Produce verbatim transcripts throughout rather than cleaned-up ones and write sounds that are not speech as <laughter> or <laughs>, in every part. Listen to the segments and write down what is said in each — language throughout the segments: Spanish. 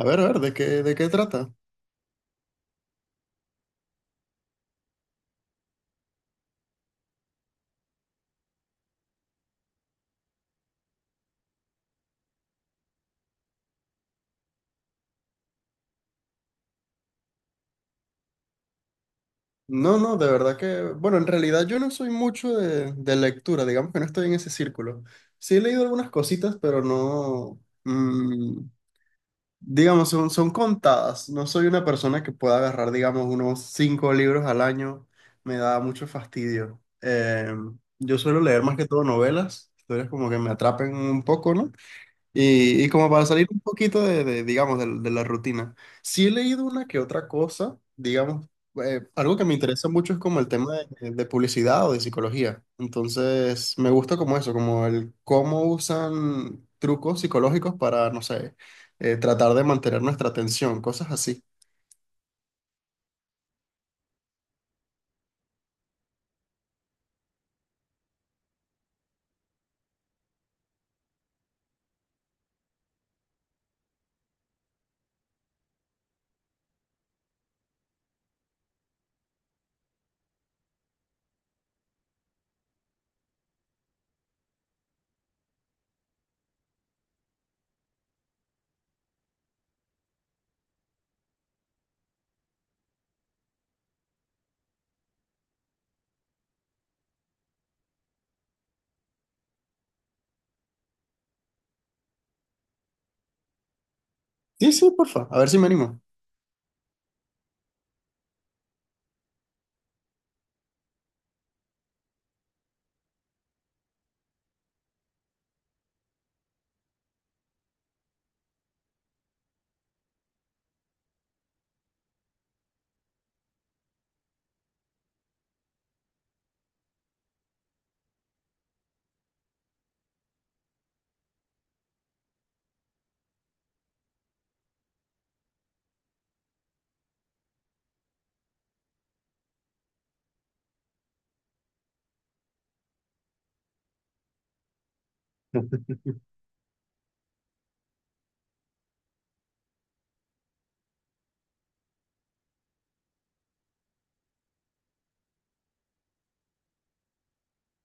A ver, a ver, ¿de qué, de qué trata? No, no, de verdad que, bueno, en realidad yo no soy mucho de, de lectura, digamos que no estoy en ese círculo. Sí he leído algunas cositas, pero no, mm, digamos, son, son contadas. No soy una persona que pueda agarrar, digamos, unos cinco libros al año. Me da mucho fastidio. Eh, yo suelo leer más que todo novelas, historias como que me atrapen un poco, ¿no? Y, y como para salir un poquito de, de, digamos, de, de la rutina, sí he leído una que otra cosa, digamos, eh, algo que me interesa mucho es como el tema de, de publicidad o de psicología. Entonces, me gusta como eso, como el cómo usan trucos psicológicos para, no sé, eh, tratar de mantener nuestra atención, cosas así. Sí, sí, porfa, a ver si me animo. <laughs>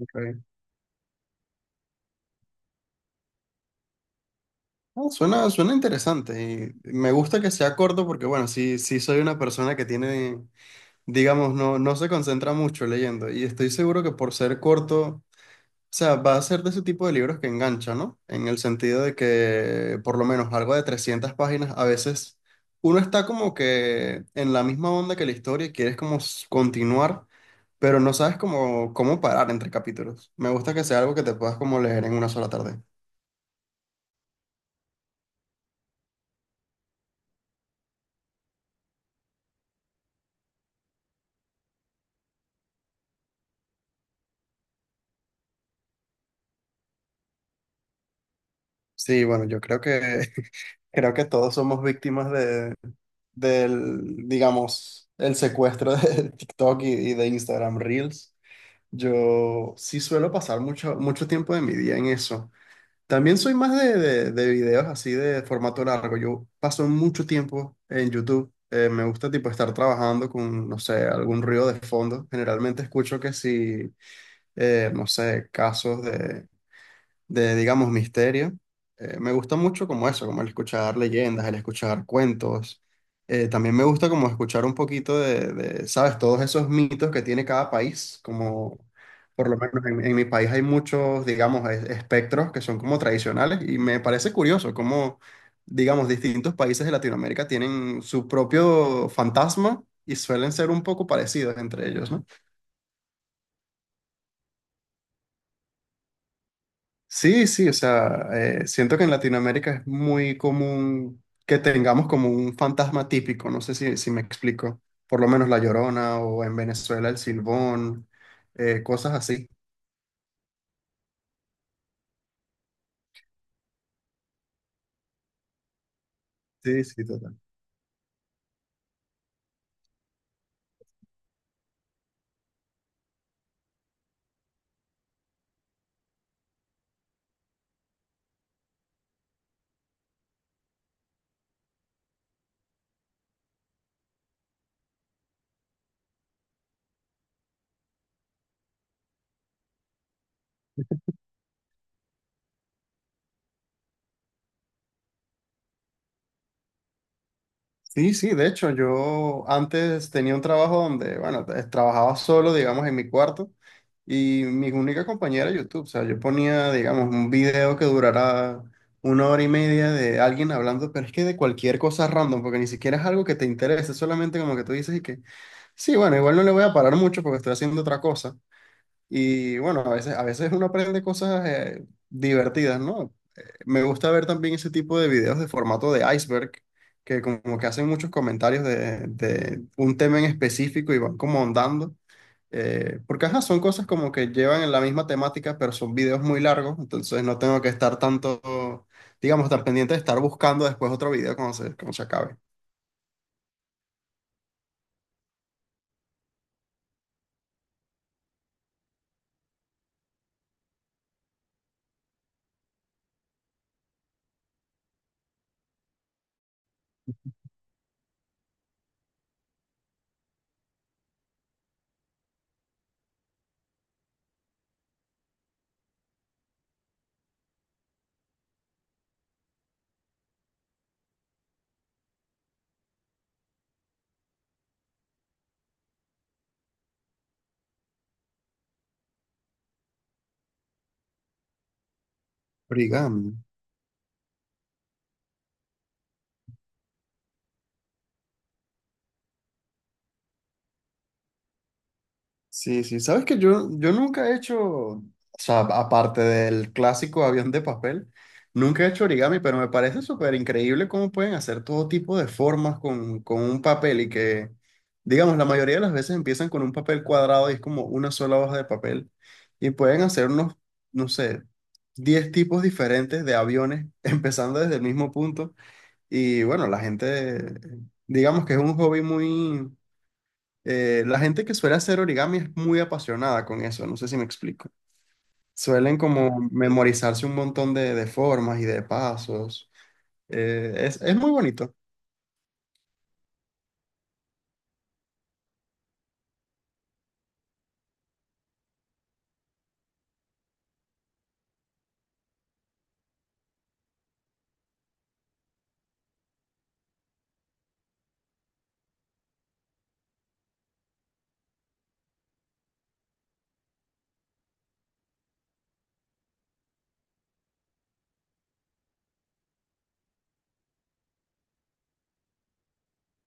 Ok. No, suena, suena interesante y me gusta que sea corto porque, bueno, sí, sí soy una persona que tiene digamos, no, no se concentra mucho leyendo. Y estoy seguro que por ser corto, o sea, va a ser de ese tipo de libros que engancha, ¿no? En el sentido de que por lo menos algo de trescientas páginas, a veces uno está como que en la misma onda que la historia y quieres como s- continuar, pero no sabes cómo, cómo parar entre capítulos. Me gusta que sea algo que te puedas como leer en una sola tarde. Sí, bueno, yo creo que <laughs> creo que todos somos víctimas del, digamos, el secuestro de <laughs> TikTok y, y de Instagram Reels. Yo sí suelo pasar mucho, mucho tiempo de mi día en eso. También soy más de, de- de videos así de formato largo. Yo paso mucho tiempo en YouTube. Eh, me gusta tipo estar trabajando con, no sé, algún ruido de fondo. Generalmente escucho que si, eh, no sé, casos de de, digamos, misterio. Eh, me gusta mucho como eso, como el escuchar leyendas, el escuchar cuentos. Eh, también me gusta como escuchar un poquito de, de, ¿sabes? Todos esos mitos que tiene cada país, como por lo menos en, en mi país hay muchos, digamos, es- espectros que son como tradicionales y me parece curioso cómo, digamos, distintos países de Latinoamérica tienen su propio fantasma y suelen ser un poco parecidos entre ellos, ¿no? Sí, sí, o sea, eh, siento que en Latinoamérica es muy común que tengamos como un fantasma típico, no sé si, si me explico, por lo menos La Llorona o en Venezuela el Silbón, eh, cosas así. Sí, sí, total. Sí, sí, de hecho, yo antes tenía un trabajo donde, bueno, eh, trabajaba solo, digamos, en mi cuarto y mi única compañera era YouTube. O sea, yo ponía, digamos, un video que durara una hora y media de alguien hablando, pero es que de cualquier cosa random, porque ni siquiera es algo que te interese, solamente como que tú dices y que, sí, bueno, igual no le voy a parar mucho porque estoy haciendo otra cosa. Y bueno, a veces, a veces uno aprende cosas eh, divertidas, ¿no? Eh, Me gusta ver también ese tipo de videos de formato de iceberg, que como que hacen muchos comentarios de, de un tema en específico y van como ahondando. eh, porque ajá, son cosas como que llevan en la misma temática, pero son videos muy largos, entonces no tengo que estar tanto, digamos, tan pendiente de estar buscando después otro video cuando se, cuando se acabe. Origami. Sí, sí, sabes que yo, yo nunca he hecho, o sea, aparte del clásico avión de papel, nunca he hecho origami, pero me parece súper increíble cómo pueden hacer todo tipo de formas con, con un papel y que, digamos, la mayoría de las veces empiezan con un papel cuadrado y es como una sola hoja de papel y pueden hacer unos, no sé, diez tipos diferentes de aviones <laughs> empezando desde el mismo punto y bueno, la gente, digamos que es un hobby muy eh, la gente que suele hacer origami es muy apasionada con eso, no sé si me explico. Suelen como memorizarse un montón de, de formas y de pasos. Eh, es, es muy bonito.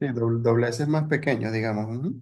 Sí, doble- dobleces más pequeños, digamos. Ujú.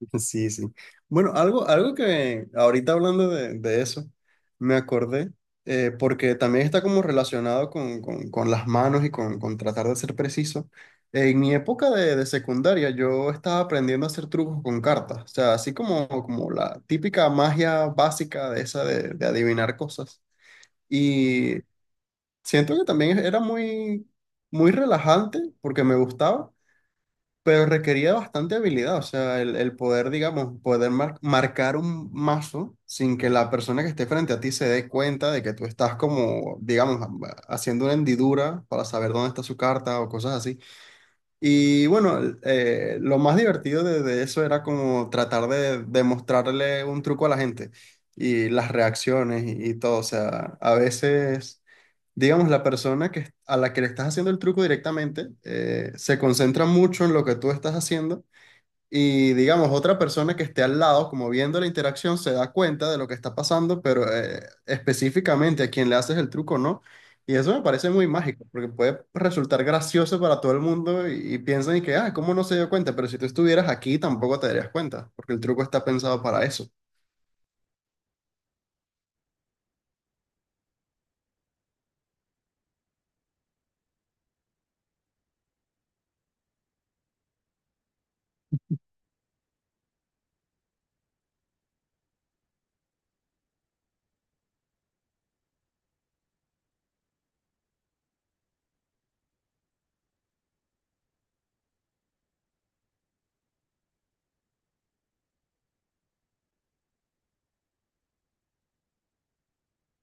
<laughs> Sí, sí. Bueno, algo, algo que ahorita hablando de, de eso, me acordé, eh, porque también está como relacionado con, con- con las manos y con, con tratar de ser preciso. En mi época de, de secundaria, yo estaba aprendiendo a hacer trucos con cartas, o sea, así como, como la típica magia básica de esa de, de adivinar cosas. Y siento que también era muy, muy relajante porque me gustaba. Pero requería bastante habilidad, o sea, el, el poder, digamos, poder mar- marcar un mazo sin que la persona que esté frente a ti se dé cuenta de que tú estás como, digamos, ha- haciendo una hendidura para saber dónde está su carta o cosas así. Y bueno, el- eh, lo más divertido de, de eso era como tratar de, demostrarle un truco a la gente y las reacciones y, y todo, o sea, a veces digamos, la persona que, a la que le estás haciendo el truco directamente eh, se concentra mucho en lo que tú estás haciendo y, digamos, otra persona que esté al lado, como viendo la interacción, se da cuenta de lo que está pasando, pero eh, específicamente a quien le haces el truco no. Y eso me parece muy mágico, porque puede resultar gracioso para todo el mundo y, y piensan y que, ah, ¿cómo no se dio cuenta? Pero si tú estuvieras aquí, tampoco te darías cuenta, porque el truco está pensado para eso.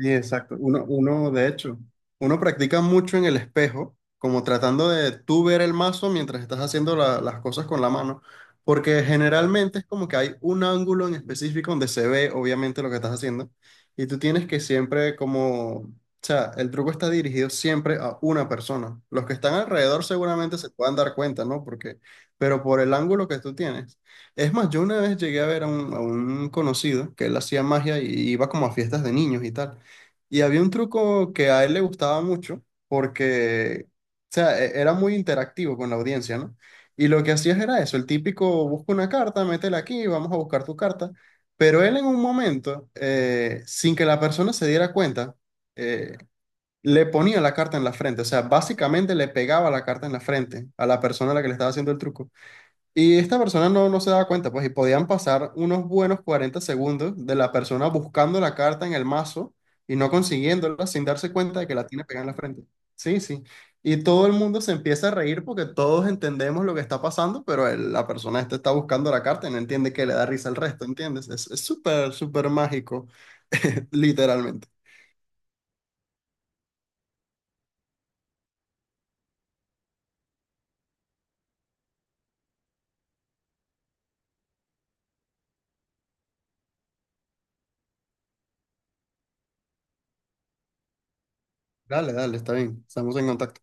Sí, exacto. Uno, uno, de hecho, uno practica mucho en el espejo, como tratando de tú ver el mazo mientras estás haciendo la- las cosas con la mano, porque generalmente es como que hay un ángulo en específico donde se ve obviamente lo que estás haciendo, y tú tienes que siempre como, o sea, el truco está dirigido siempre a una persona. Los que están alrededor seguramente se puedan dar cuenta, ¿no? Porque, pero por el ángulo que tú tienes. Es más, yo una vez llegué a ver a un, a un conocido que él hacía magia y iba como a fiestas de niños y tal. Y había un truco que a él le gustaba mucho porque, o sea, e- era muy interactivo con la audiencia, ¿no? Y lo que hacías era eso, el típico, busca una carta, métela aquí, vamos a buscar tu carta. Pero él en un momento, eh, sin que la persona se diera cuenta, eh, le ponía la carta en la frente, o sea, básicamente le pegaba la carta en la frente a la persona a la que le estaba haciendo el truco. Y esta persona no, no se daba cuenta, pues, y podían pasar unos buenos cuarenta segundos de la persona buscando la carta en el mazo y no consiguiéndola sin darse cuenta de que la tiene pegada en la frente. Sí, sí. Y todo el mundo se empieza a reír porque todos entendemos lo que está pasando, pero el- la persona esta está buscando la carta y no entiende que le da risa al resto, ¿entiendes? Es es súper, súper mágico, <laughs> literalmente. Dale, dale, está bien. Estamos en contacto.